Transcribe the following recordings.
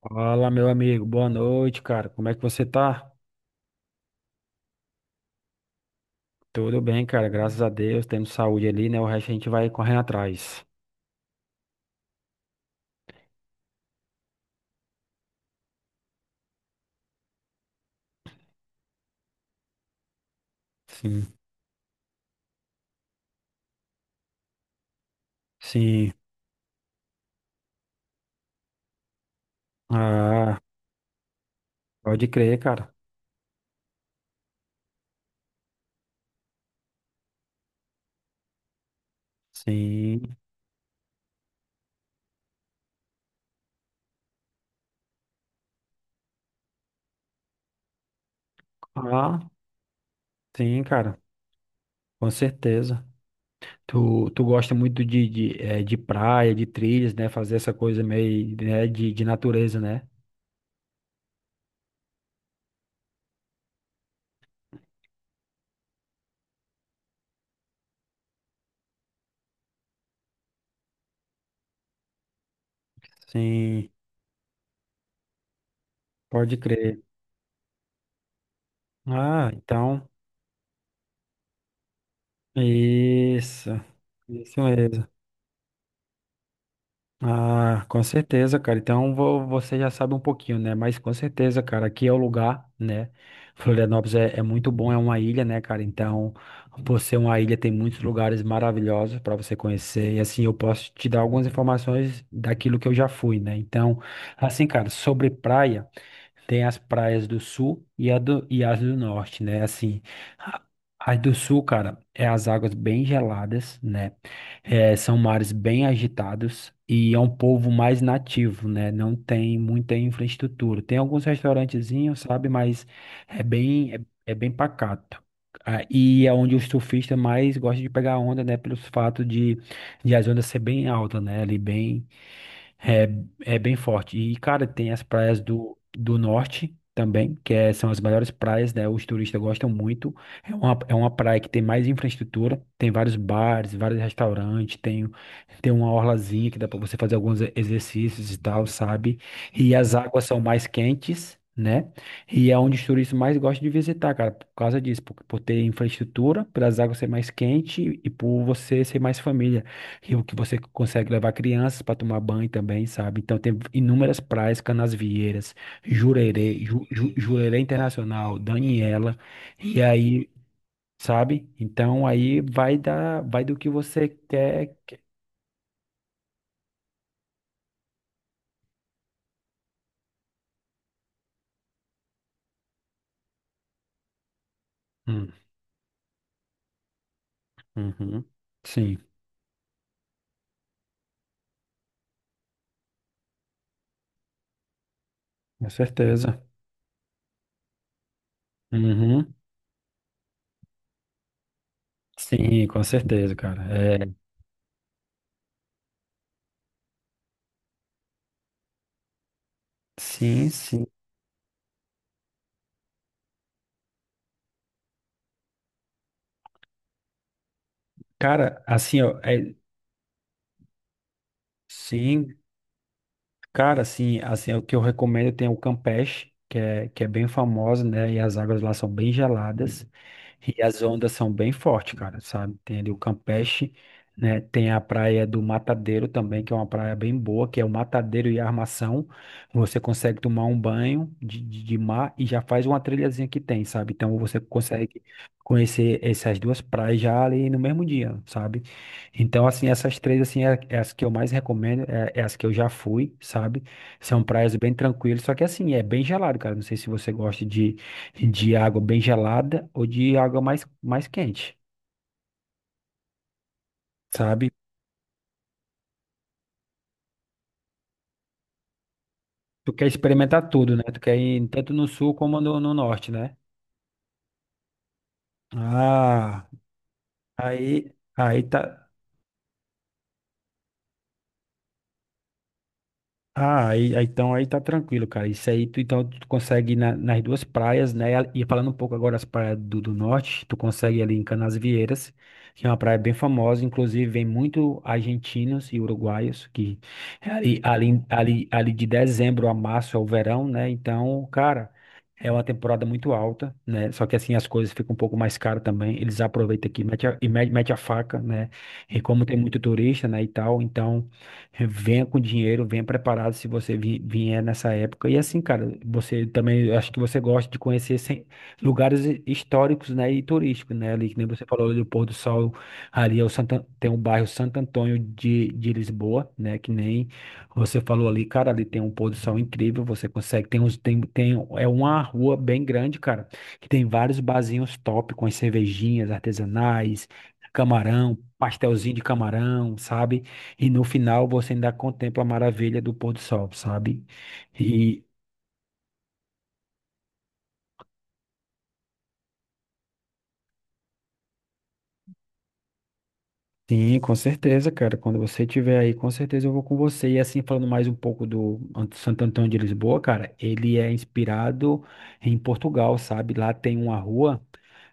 Fala, meu amigo. Boa noite, cara. Como é que você tá? Tudo bem, cara. Graças a Deus. Tendo saúde ali, né? O resto a gente vai correndo atrás. Sim. Sim. Ah, pode crer, cara. Sim. Ah, sim, cara. Com certeza. Tu gosta muito de praia, de trilhas, né? Fazer essa coisa meio, né? de natureza, né? Sim. Pode crer. Ah, então. Isso. Isso mesmo. Ah, com certeza, cara. Então você já sabe um pouquinho, né? Mas com certeza, cara, aqui é o lugar, né? Florianópolis é muito bom, é uma ilha, né, cara? Então, por ser uma ilha, tem muitos lugares maravilhosos para você conhecer. E assim, eu posso te dar algumas informações daquilo que eu já fui, né? Então, assim, cara, sobre praia, tem as praias do sul e, a do, e as do norte, né? Assim, a- as do sul, cara, é as águas bem geladas, né? É, são mares bem agitados e é um povo mais nativo, né? Não tem muita infraestrutura. Tem alguns restaurantezinhos, sabe? Mas é é bem pacato. Ah, e é onde os surfistas mais gostam de pegar onda, né? Pelos fato de as ondas ser bem alta, né? Ali é, é, bem forte. E, cara, tem as praias do norte também, são as melhores praias, né? Os turistas gostam muito. É uma praia que tem mais infraestrutura, tem vários bares, vários restaurantes, tem uma orlazinha que dá pra você fazer alguns exercícios e tal, sabe? E as águas são mais quentes, né? E é onde os turistas mais gostam de visitar, cara, por causa disso, por ter infraestrutura, pelas águas ser mais quente e por você ser mais família. Rio que você consegue levar crianças para tomar banho também, sabe? Então tem inúmeras praias, Canasvieiras, Jurerê Internacional, Daniela, e aí, sabe? Então aí vai dar, vai do que você quer. Hum, uhum. Sim, com certeza. Uhum. Sim, com certeza, cara. É, sim, sim. Cara, assim, ó, é, sim, cara, assim, o que eu recomendo tem o Campeche, que é bem famoso, né? E as águas lá são bem geladas e as ondas são bem fortes, cara, sabe? Tem ali o Campeche, né? Tem a praia do Matadeiro também, que é uma praia bem boa, que é o Matadeiro e a Armação. Você consegue tomar um banho de mar e já faz uma trilhazinha que tem, sabe? Então você consegue conhecer essas duas praias já ali no mesmo dia, sabe? Então, assim, essas três, assim, é as que eu mais recomendo, é as que eu já fui, sabe? São praias bem tranquilas, só que assim, é bem gelado, cara. Não sei se você gosta de água bem gelada ou de água mais quente, sabe? Tu quer experimentar tudo, né? Tu quer ir tanto no sul como no norte, né? Ah, aí tá. Ah, aí tá tranquilo, cara. Isso aí, tu, então tu consegue ir nas duas praias, né? E falando um pouco agora das praias do norte, tu consegue ir ali em Canasvieiras, que é uma praia bem famosa, inclusive vem muito argentinos e uruguaios, que é ali de dezembro a março é o verão, né? Então, cara, é uma temporada muito alta, né? Só que assim as coisas ficam um pouco mais caras também. Eles aproveitam aqui e mete a faca, né? E como tem muito turista, né, e tal, então. Venha com dinheiro, venha preparado se você vier nessa época. E assim, cara, você também, eu acho que você gosta de conhecer lugares históricos, né, e turísticos, né, ali que nem você falou ali do pôr do sol, ali é o Santa, tem o bairro Santo Antônio de Lisboa, né, que nem você falou ali, cara, ali tem um pôr do sol incrível, você consegue, tem, é uma rua bem grande, cara, que tem vários barzinhos top com as cervejinhas artesanais, camarão, pastelzinho de camarão, sabe? E no final você ainda contempla a maravilha do pôr do sol, sabe? E sim, com certeza, cara. Quando você estiver aí, com certeza eu vou com você. E assim, falando mais um pouco do Santo Antônio de Lisboa, cara, ele é inspirado em Portugal, sabe? Lá tem uma rua.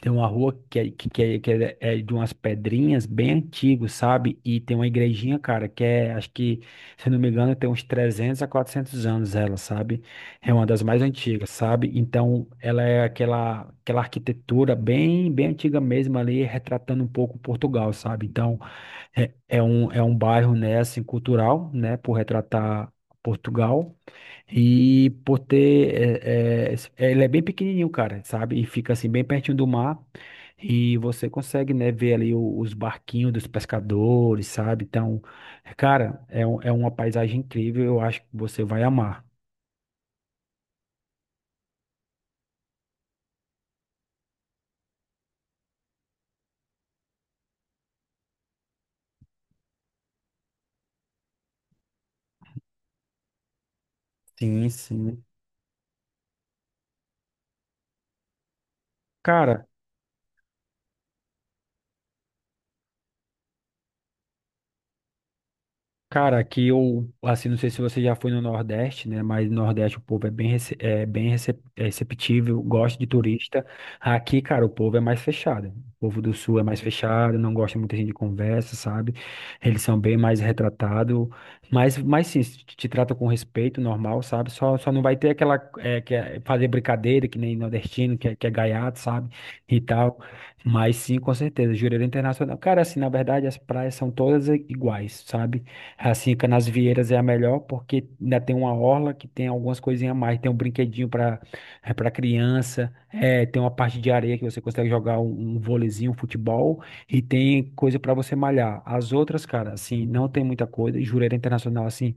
Tem uma rua que é é de umas pedrinhas bem antigas, sabe? E tem uma igrejinha, cara, que é, acho que, se eu não me engano, tem uns 300 a 400 anos ela, sabe? É uma das mais antigas, sabe? Então, ela é aquela arquitetura bem antiga mesmo ali, retratando um pouco Portugal, sabe? Então, é um bairro, né, assim, cultural, né, por retratar Portugal e por ter, ele é bem pequenininho, cara, sabe? E fica, assim, bem pertinho do mar e você consegue, né, ver ali os barquinhos dos pescadores, sabe? Então, cara, é uma paisagem incrível, eu acho que você vai amar. Sim, sim. Cara, Cara, aqui eu, assim, não sei se você já foi no Nordeste, né? Mas no Nordeste o povo é bem, receptível, gosta de turista. Aqui, cara, o povo é mais fechado. O povo do Sul é mais fechado, não gosta muita gente de conversa, sabe? Eles são bem mais retratados. Mas sim, se te trata com respeito, normal, sabe? Só não vai ter aquela, é, que é fazer brincadeira, que nem nordestino, que é gaiato, sabe? E tal. Mas sim, com certeza, Jurerê Internacional. Cara, assim, na verdade, as praias são todas iguais, sabe? Assim, Canasvieiras é a melhor porque ainda tem uma orla que tem algumas coisinhas a mais. Tem um brinquedinho para criança, é, tem uma parte de areia que você consegue jogar um vôleizinho, um futebol e tem coisa para você malhar. As outras, cara, assim, não tem muita coisa. E Jurerê Internacional, assim,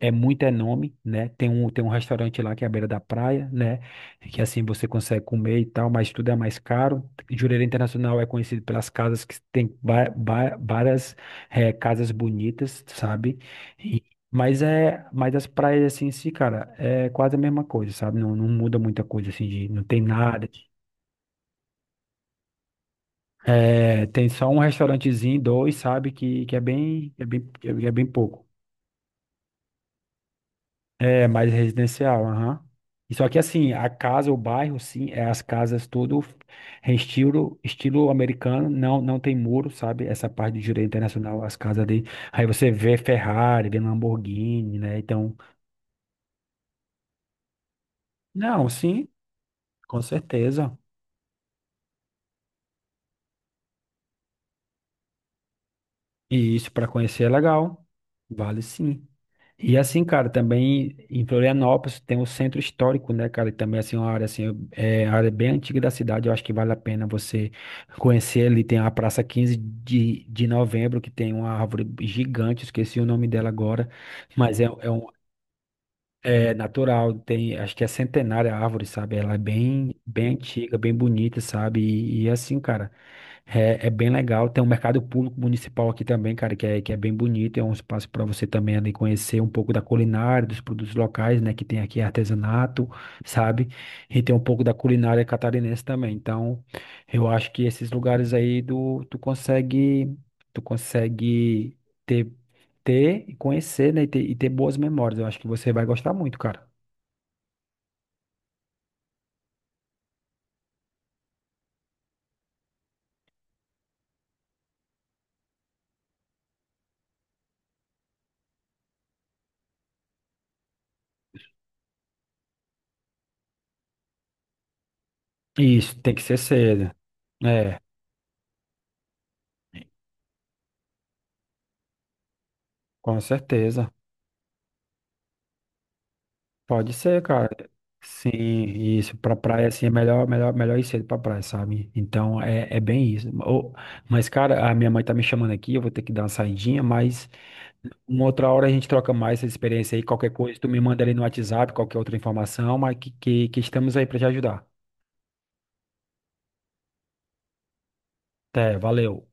é muito é nome, né? Tem um restaurante lá que é à beira da praia, né? Que assim você consegue comer e tal, mas tudo é mais caro. Jurerê Internacional é conhecido pelas casas que tem várias é, casas bonitas, sabe? E- mas as praias assim, em si, cara, é quase a mesma coisa, sabe? Não, não muda muita coisa assim, de, não tem nada. De- É, tem só um restaurantezinho, dois, sabe? Que, é bem pouco. É mais residencial, aham. E só que assim, a casa, o bairro, sim, é as casas tudo em estilo americano, não tem muro, sabe? Essa parte de direito internacional, as casas ali. Aí você vê Ferrari, vê Lamborghini, né? Então, não, sim, com certeza. E isso para conhecer é legal. Vale sim. E assim, cara, também em Florianópolis tem o centro histórico, né, cara? E também assim uma área assim, é área bem antiga da cidade, eu acho que vale a pena você conhecer ali. Tem a Praça 15 de Novembro, que tem uma árvore gigante, esqueci o nome dela agora, mas é natural, tem, acho que é centenária a árvore, sabe? Ela é bem bem antiga, bem bonita, sabe? E é assim, cara, é, é bem legal. Tem um mercado público municipal aqui também, cara, que é bem bonito. É um espaço para você também ali conhecer um pouco da culinária, dos produtos locais, né? Que tem aqui artesanato, sabe? E tem um pouco da culinária catarinense também. Então, eu acho que esses lugares aí do, tu consegue, tu consegue ter, ter e conhecer, né? E ter boas memórias. Eu acho que você vai gostar muito, cara. Isso, tem que ser cedo. É, com certeza. Pode ser, cara. Sim, isso. Pra praia, assim, melhor ir cedo pra praia, sabe? Então, é bem isso. Ô, mas, cara, a minha mãe tá me chamando aqui, eu vou ter que dar uma saidinha, mas uma outra hora a gente troca mais essa experiência aí. Qualquer coisa, tu me manda ali no WhatsApp, qualquer outra informação, mas que estamos aí pra te ajudar. Até, valeu.